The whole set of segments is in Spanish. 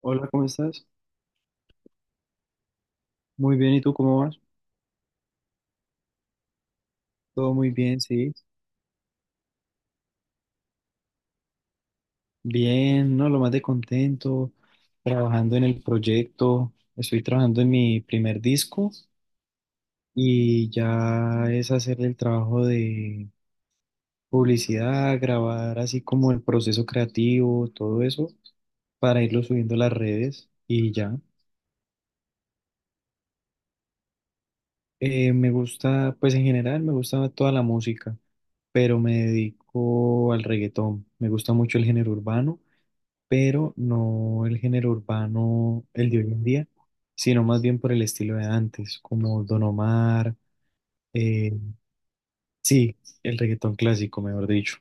Hola, ¿cómo estás? Muy bien, ¿y tú cómo vas? Todo muy bien, sí. Bien, no, lo más de contento, trabajando en el proyecto. Estoy trabajando en mi primer disco y ya es hacer el trabajo de publicidad, grabar así como el proceso creativo, todo eso, para irlo subiendo a las redes y ya. Me gusta, pues en general me gusta toda la música, pero me dedico al reggaetón. Me gusta mucho el género urbano, pero no el género urbano el de hoy en día, sino más bien por el estilo de antes, como Don Omar, eh, sí, el reggaetón clásico, mejor dicho.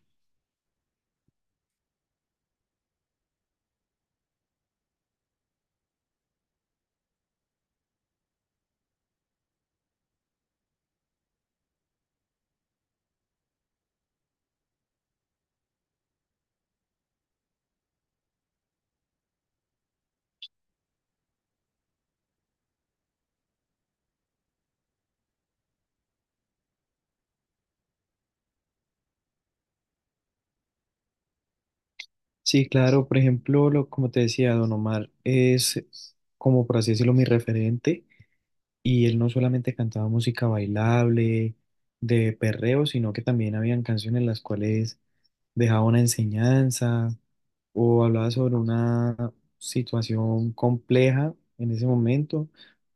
Sí, claro, por ejemplo, como te decía, Don Omar es, como por así decirlo, mi referente, y él no solamente cantaba música bailable, de perreo, sino que también habían canciones las cuales dejaba una enseñanza, o hablaba sobre una situación compleja en ese momento.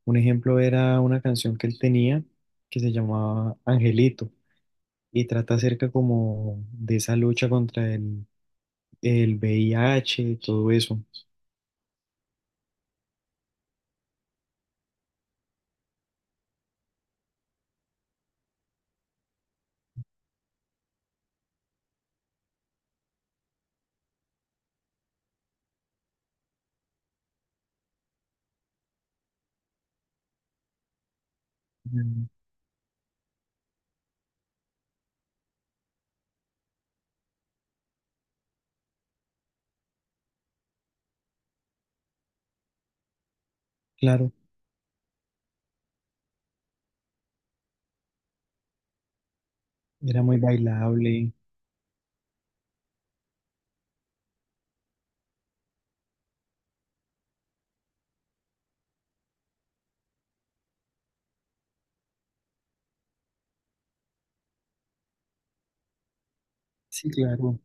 Un ejemplo era una canción que él tenía, que se llamaba Angelito, y trata acerca como de esa lucha contra el VIH y todo eso. Mm. Claro, era muy bailable. Sí, claro.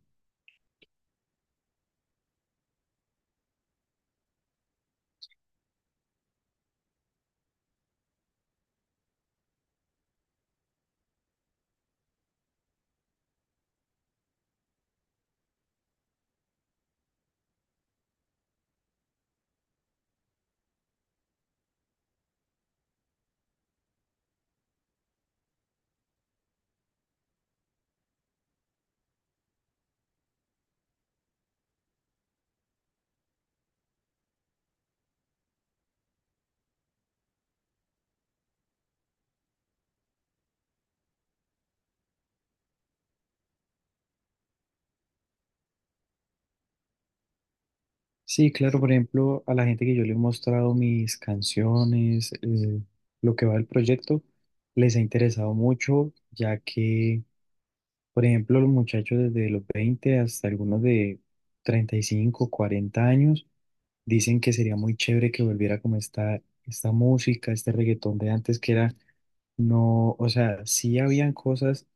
Sí, claro, por ejemplo, a la gente que yo le he mostrado mis canciones, lo que va del proyecto, les ha interesado mucho, ya que, por ejemplo, los muchachos desde los 20 hasta algunos de 35, 40 años dicen que sería muy chévere que volviera como esta música, este reggaetón de antes que era, no, o sea, sí habían cosas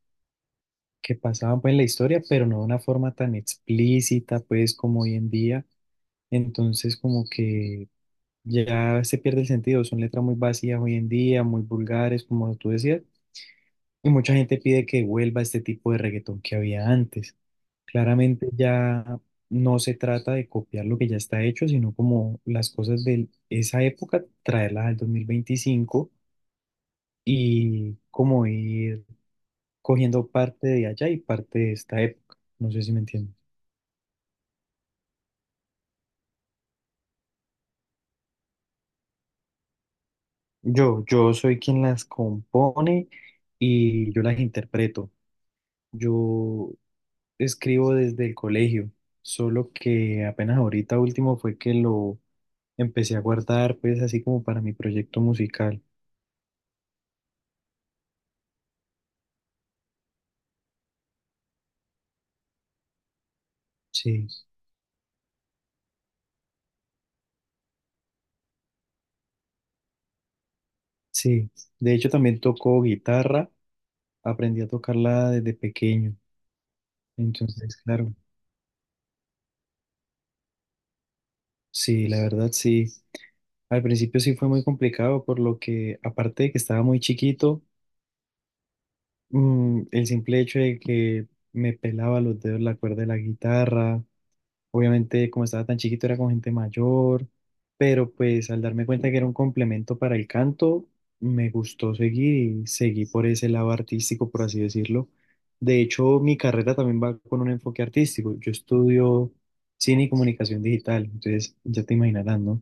que pasaban pues en la historia, pero no de una forma tan explícita pues como hoy en día. Entonces, como que ya se pierde el sentido, son letras muy vacías hoy en día, muy vulgares, como tú decías, y mucha gente pide que vuelva este tipo de reggaetón que había antes. Claramente ya no se trata de copiar lo que ya está hecho, sino como las cosas de esa época, traerlas al 2025 y como ir cogiendo parte de allá y parte de esta época. No sé si me entiendes. Yo soy quien las compone y yo las interpreto. Yo escribo desde el colegio, solo que apenas ahorita último fue que lo empecé a guardar, pues así como para mi proyecto musical. Sí. Sí, de hecho también tocó guitarra, aprendí a tocarla desde pequeño, entonces claro, sí, la verdad sí, al principio sí fue muy complicado por lo que, aparte de que estaba muy chiquito, el simple hecho de que me pelaba los dedos la cuerda de la guitarra. Obviamente, como estaba tan chiquito, era con gente mayor, pero pues al darme cuenta que era un complemento para el canto, me gustó seguir y seguí por ese lado artístico, por así decirlo. De hecho, mi carrera también va con un enfoque artístico. Yo estudio cine y comunicación digital, entonces ya te imaginarás, ¿no?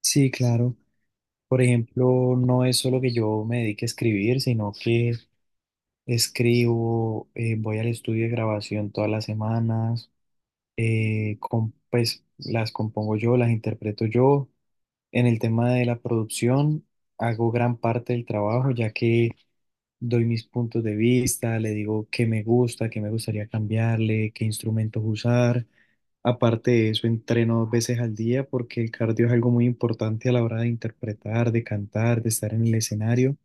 Sí, claro. Por ejemplo, no es solo que yo me dedique a escribir, sino que escribo, voy al estudio de grabación todas las semanas. Pues las compongo yo, las interpreto yo. En el tema de la producción, hago gran parte del trabajo, ya que doy mis puntos de vista, le digo qué me gusta, qué me gustaría cambiarle, qué instrumentos usar. Aparte de eso, entreno dos veces al día porque el cardio es algo muy importante a la hora de interpretar, de cantar, de estar en el escenario.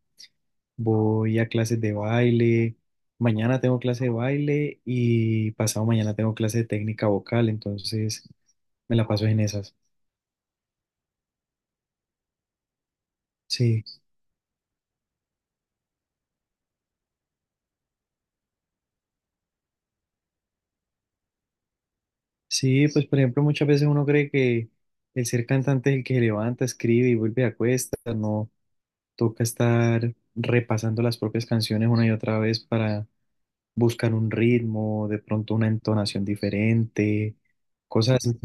Voy a clases de baile, mañana tengo clase de baile y pasado mañana tengo clase de técnica vocal, entonces me la paso en esas. Sí. Sí, pues por ejemplo, muchas veces uno cree que el ser cantante es el que se levanta, escribe y vuelve a cuesta, no. Toca estar repasando las propias canciones una y otra vez para buscar un ritmo, de pronto una entonación diferente, cosas así.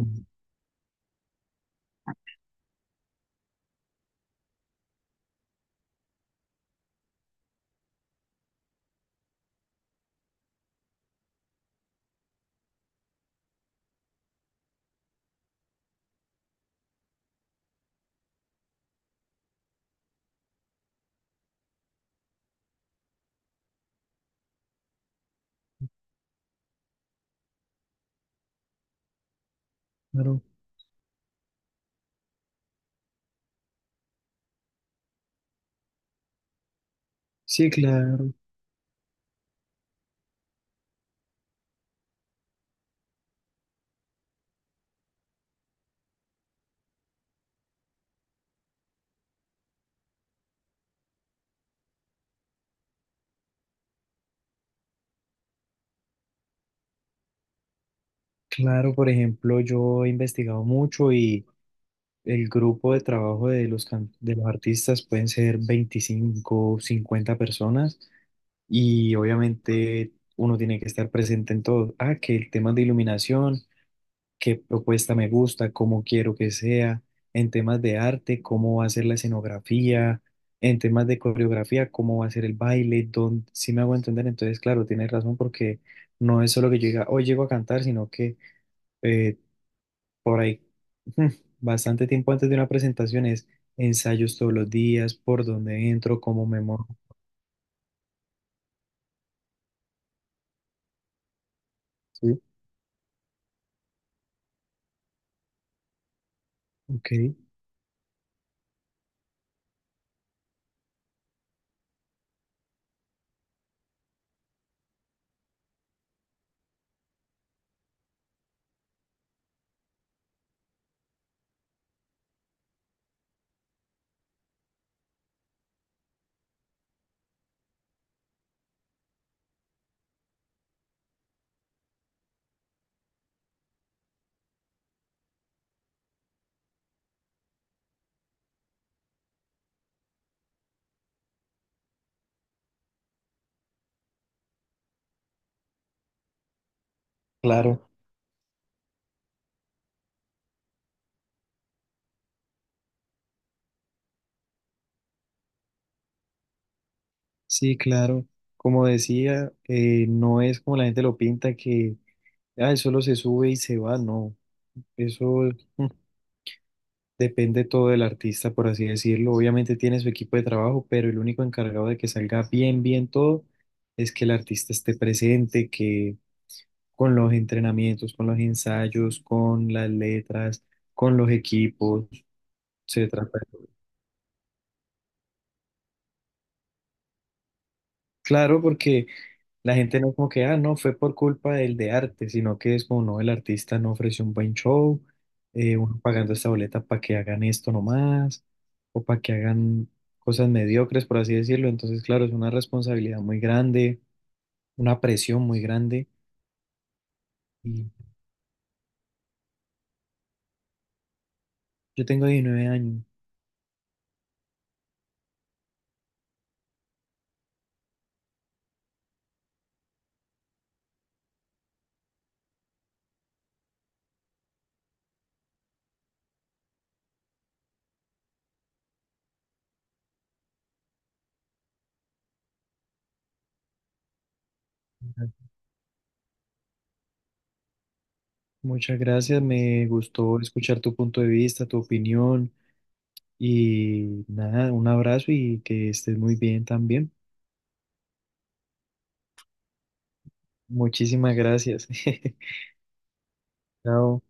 Claro. Sí, claro, claro, por ejemplo, yo he investigado mucho. El grupo de trabajo de de los artistas pueden ser 25-50 personas y obviamente uno tiene que estar presente en todo. Ah, que el tema de iluminación, qué propuesta me gusta, cómo quiero que sea, en temas de arte, cómo va a ser la escenografía, en temas de coreografía, cómo va a ser el baile, dónde, si me hago entender. Entonces, claro, tienes razón, porque no es solo que yo diga, hoy llego a cantar, sino que eh, por ahí, mm, bastante tiempo antes de una presentación, es ensayos todos los días, por dónde entro, cómo me muevo. Sí, ok, claro, sí, claro. Como decía, no es como la gente lo pinta, que ah, solo se sube y se va, no. Eso mm, depende todo del artista, por así decirlo. Obviamente tiene su equipo de trabajo, pero el único encargado de que salga bien, bien todo, es que el artista esté presente, que con los entrenamientos, con los ensayos, con las letras, con los equipos, etcétera. Pero claro, porque la gente no es como que, ah, no, fue por culpa del de arte, sino que es como, no, el artista no ofreció un buen show, uno pagando esta boleta para que hagan esto nomás, o para que hagan cosas mediocres, por así decirlo. Entonces, claro, es una responsabilidad muy grande, una presión muy grande. Y yo tengo 19 años. Muchas gracias, me gustó escuchar tu punto de vista, tu opinión. Y nada, un abrazo y que estés muy bien también. Muchísimas gracias. Chao.